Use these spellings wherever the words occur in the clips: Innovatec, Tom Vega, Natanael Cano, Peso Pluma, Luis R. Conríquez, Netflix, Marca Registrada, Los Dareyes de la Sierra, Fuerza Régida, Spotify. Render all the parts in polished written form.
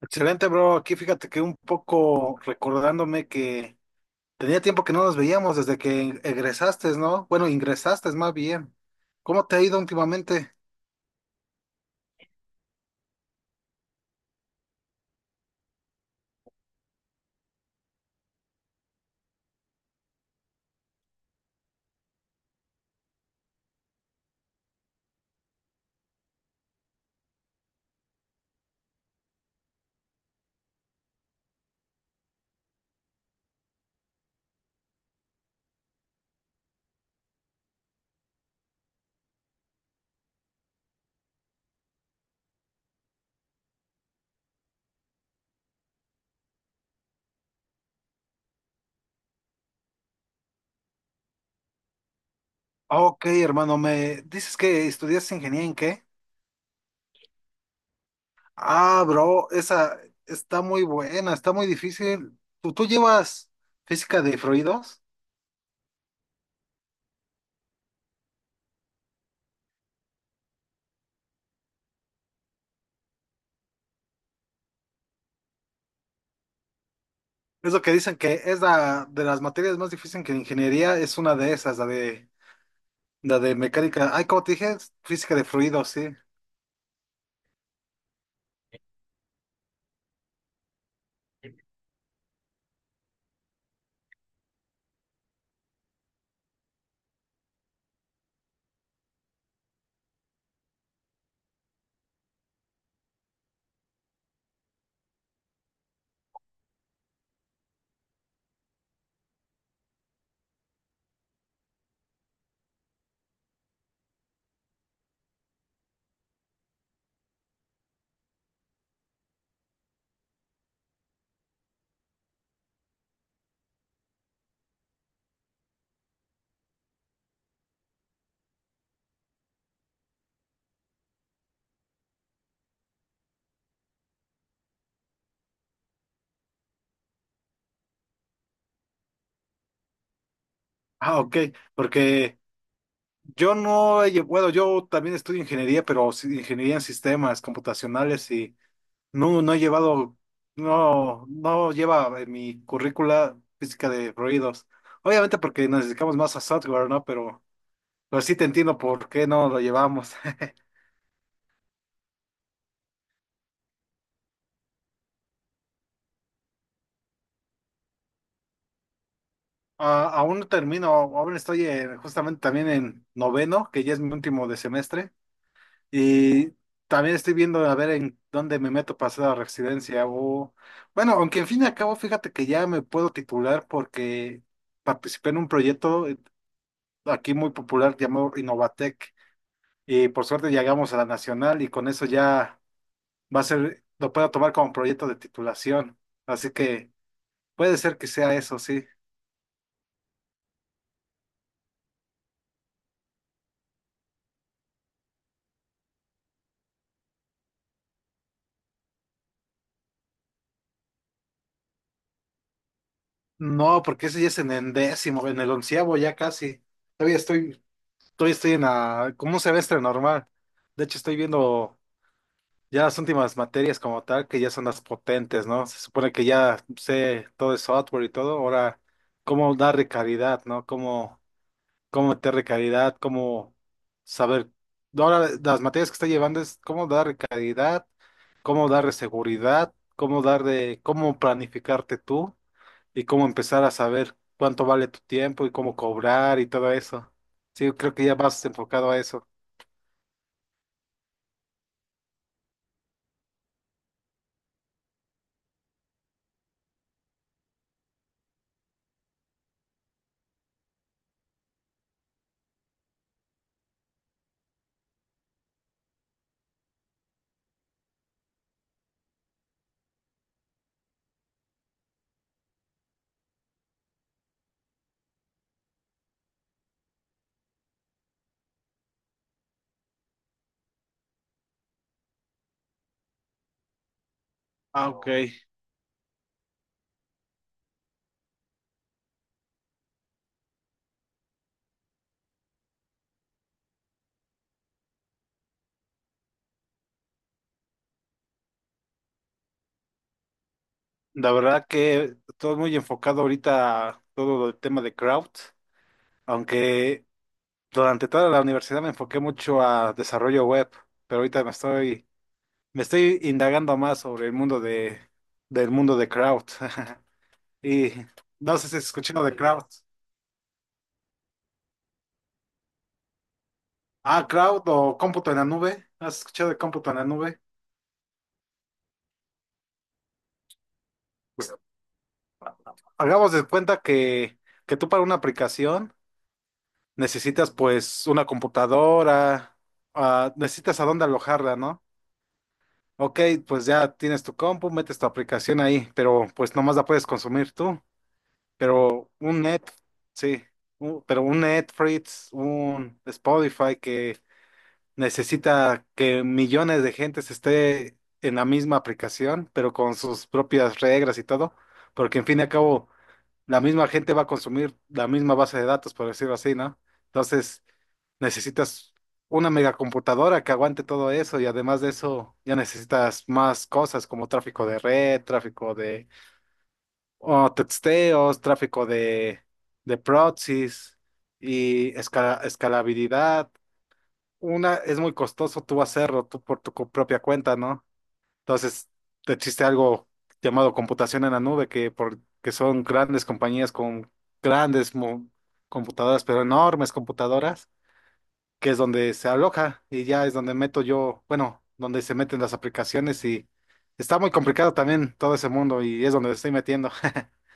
Excelente, bro. Aquí fíjate que un poco recordándome que tenía tiempo que no nos veíamos desde que egresaste, ¿no? Bueno, ingresaste más bien. ¿Cómo te ha ido últimamente? Ah, ok, hermano, me dices que estudias ingeniería ¿en qué? Ah, bro, esa está muy buena, está muy difícil. ¿Tú llevas física de fluidos? Es lo que dicen que es la de las materias más difíciles que ingeniería, es una de esas, la de mecánica. Ay, como te dije, física de fluidos, sí. Ah, ok, porque yo no, he lle- bueno, yo también estudio ingeniería, pero sí ingeniería en sistemas computacionales y no, no he llevado, no lleva en mi currícula física de ruidos. Obviamente porque nos dedicamos más a software, ¿no? Pero sí te entiendo por qué no lo llevamos. Ah, aún no termino, justamente también en noveno, que ya es mi último de semestre. Y también estoy viendo a ver en dónde me meto para hacer la residencia o... Bueno, aunque en fin y al cabo, fíjate que ya me puedo titular porque participé en un proyecto aquí muy popular llamado Innovatec, y por suerte llegamos a la nacional y con eso ya va a ser, lo puedo tomar como proyecto de titulación. Así que puede ser que sea eso, sí. No, porque ese ya es en el décimo, en el onceavo ya casi. Todavía estoy, todavía estoy en la, como un semestre normal. De hecho, estoy viendo. Ya las últimas materias como tal, que ya son las potentes, ¿no? Se supone que ya sé todo el software y todo, ahora cómo darle calidad, ¿no? Cómo meterle calidad, cómo saber. Ahora las materias que está llevando es cómo darle calidad, cómo darle seguridad, cómo darle, cómo planificarte tú y cómo empezar a saber cuánto vale tu tiempo y cómo cobrar y todo eso. Sí, yo creo que ya vas enfocado a eso. Ah, ok. La verdad que todo muy enfocado ahorita a todo el tema de crowd, aunque durante toda la universidad me enfoqué mucho a desarrollo web, pero me estoy indagando más sobre del mundo de crowd. Y no sé si has escuchado de crowd. Ah, crowd o cómputo en la nube. ¿Has escuchado de cómputo en la nube? Pues, hagamos de cuenta que tú para una aplicación. Necesitas pues una computadora, ah, necesitas a dónde alojarla, ¿no? Ok, pues ya tienes tu compu, metes tu aplicación ahí, pero pues nomás la puedes consumir tú. Pero un net, sí, pero un Netflix, un Spotify que necesita que millones de gentes esté en la misma aplicación, pero con sus propias reglas y todo, porque en fin y al cabo la misma gente va a consumir la misma base de datos, por decirlo así, ¿no? Entonces necesitas una megacomputadora que aguante todo eso, y además de eso ya necesitas más cosas como tráfico de red, tráfico de o texteos, de proxies y escalabilidad. Una es muy costoso tú hacerlo tú por tu propia cuenta, ¿no? Entonces existe algo llamado computación en la nube que son grandes compañías con grandes mo- computadoras, pero enormes computadoras, que es donde se aloja y ya es donde meto yo, bueno, donde se meten las aplicaciones, y está muy complicado también todo ese mundo y es donde estoy metiendo.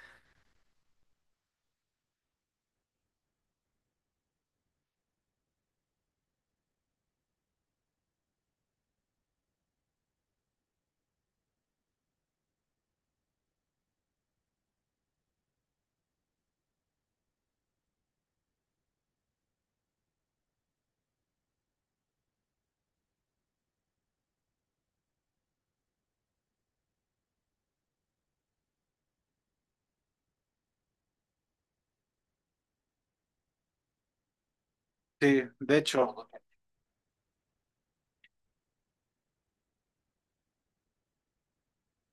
Sí, de hecho,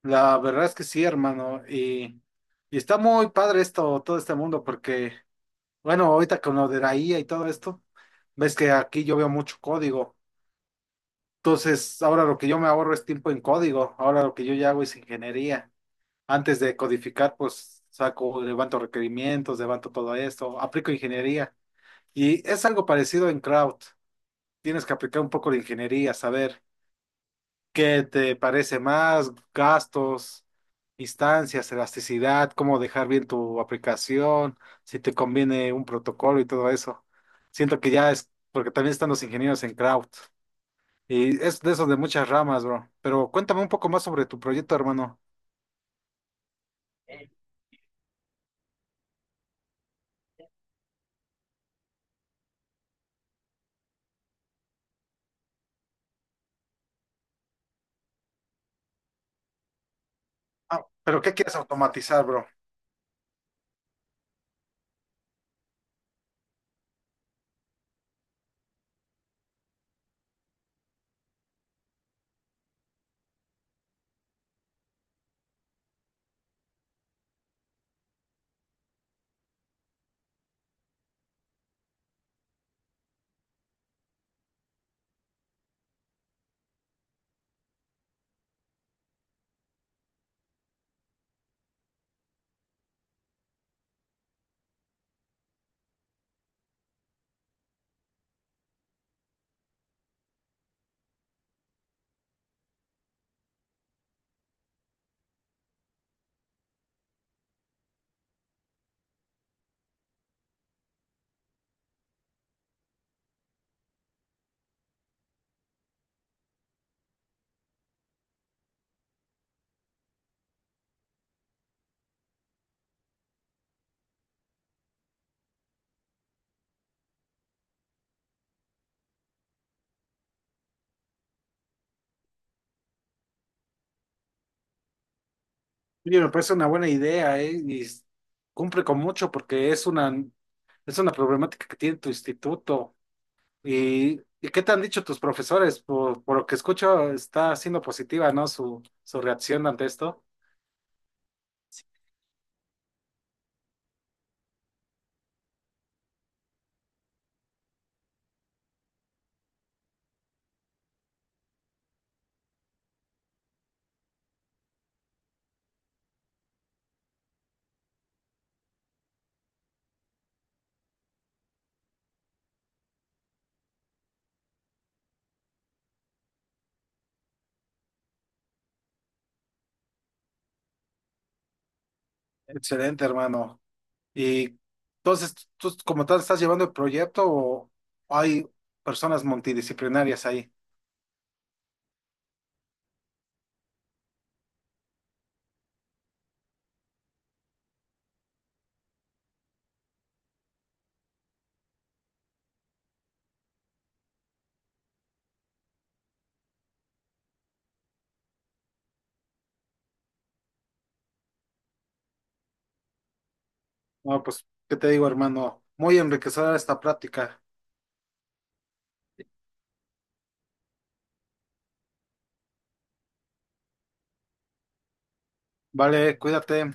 la verdad es que sí, hermano, y está muy padre esto, todo este mundo, porque, bueno, ahorita con lo de la IA y todo esto, ves que aquí yo veo mucho código, entonces ahora lo que yo me ahorro es tiempo en código, ahora lo que yo ya hago es ingeniería. Antes de codificar, pues saco, levanto requerimientos, levanto todo esto, aplico ingeniería. Y es algo parecido en crowd. Tienes que aplicar un poco de ingeniería, saber qué te parece más, gastos, instancias, elasticidad, cómo dejar bien tu aplicación, si te conviene un protocolo y todo eso. Siento que ya es, porque también están los ingenieros en crowd. Y es de esos de muchas ramas, bro. Pero cuéntame un poco más sobre tu proyecto, hermano. Ah, pero ¿qué quieres automatizar, bro? Oye, me parece una buena idea, ¿eh? Cumple con mucho porque es una problemática que tiene tu instituto. Y qué te han dicho tus profesores? Por lo que escucho, está siendo positiva, ¿no? Su reacción ante esto. Excelente, hermano. Y entonces, ¿tú como tal estás llevando el proyecto o hay personas multidisciplinarias ahí? No, pues, ¿qué te digo, hermano? Muy enriquecedora esta práctica. Vale, cuídate.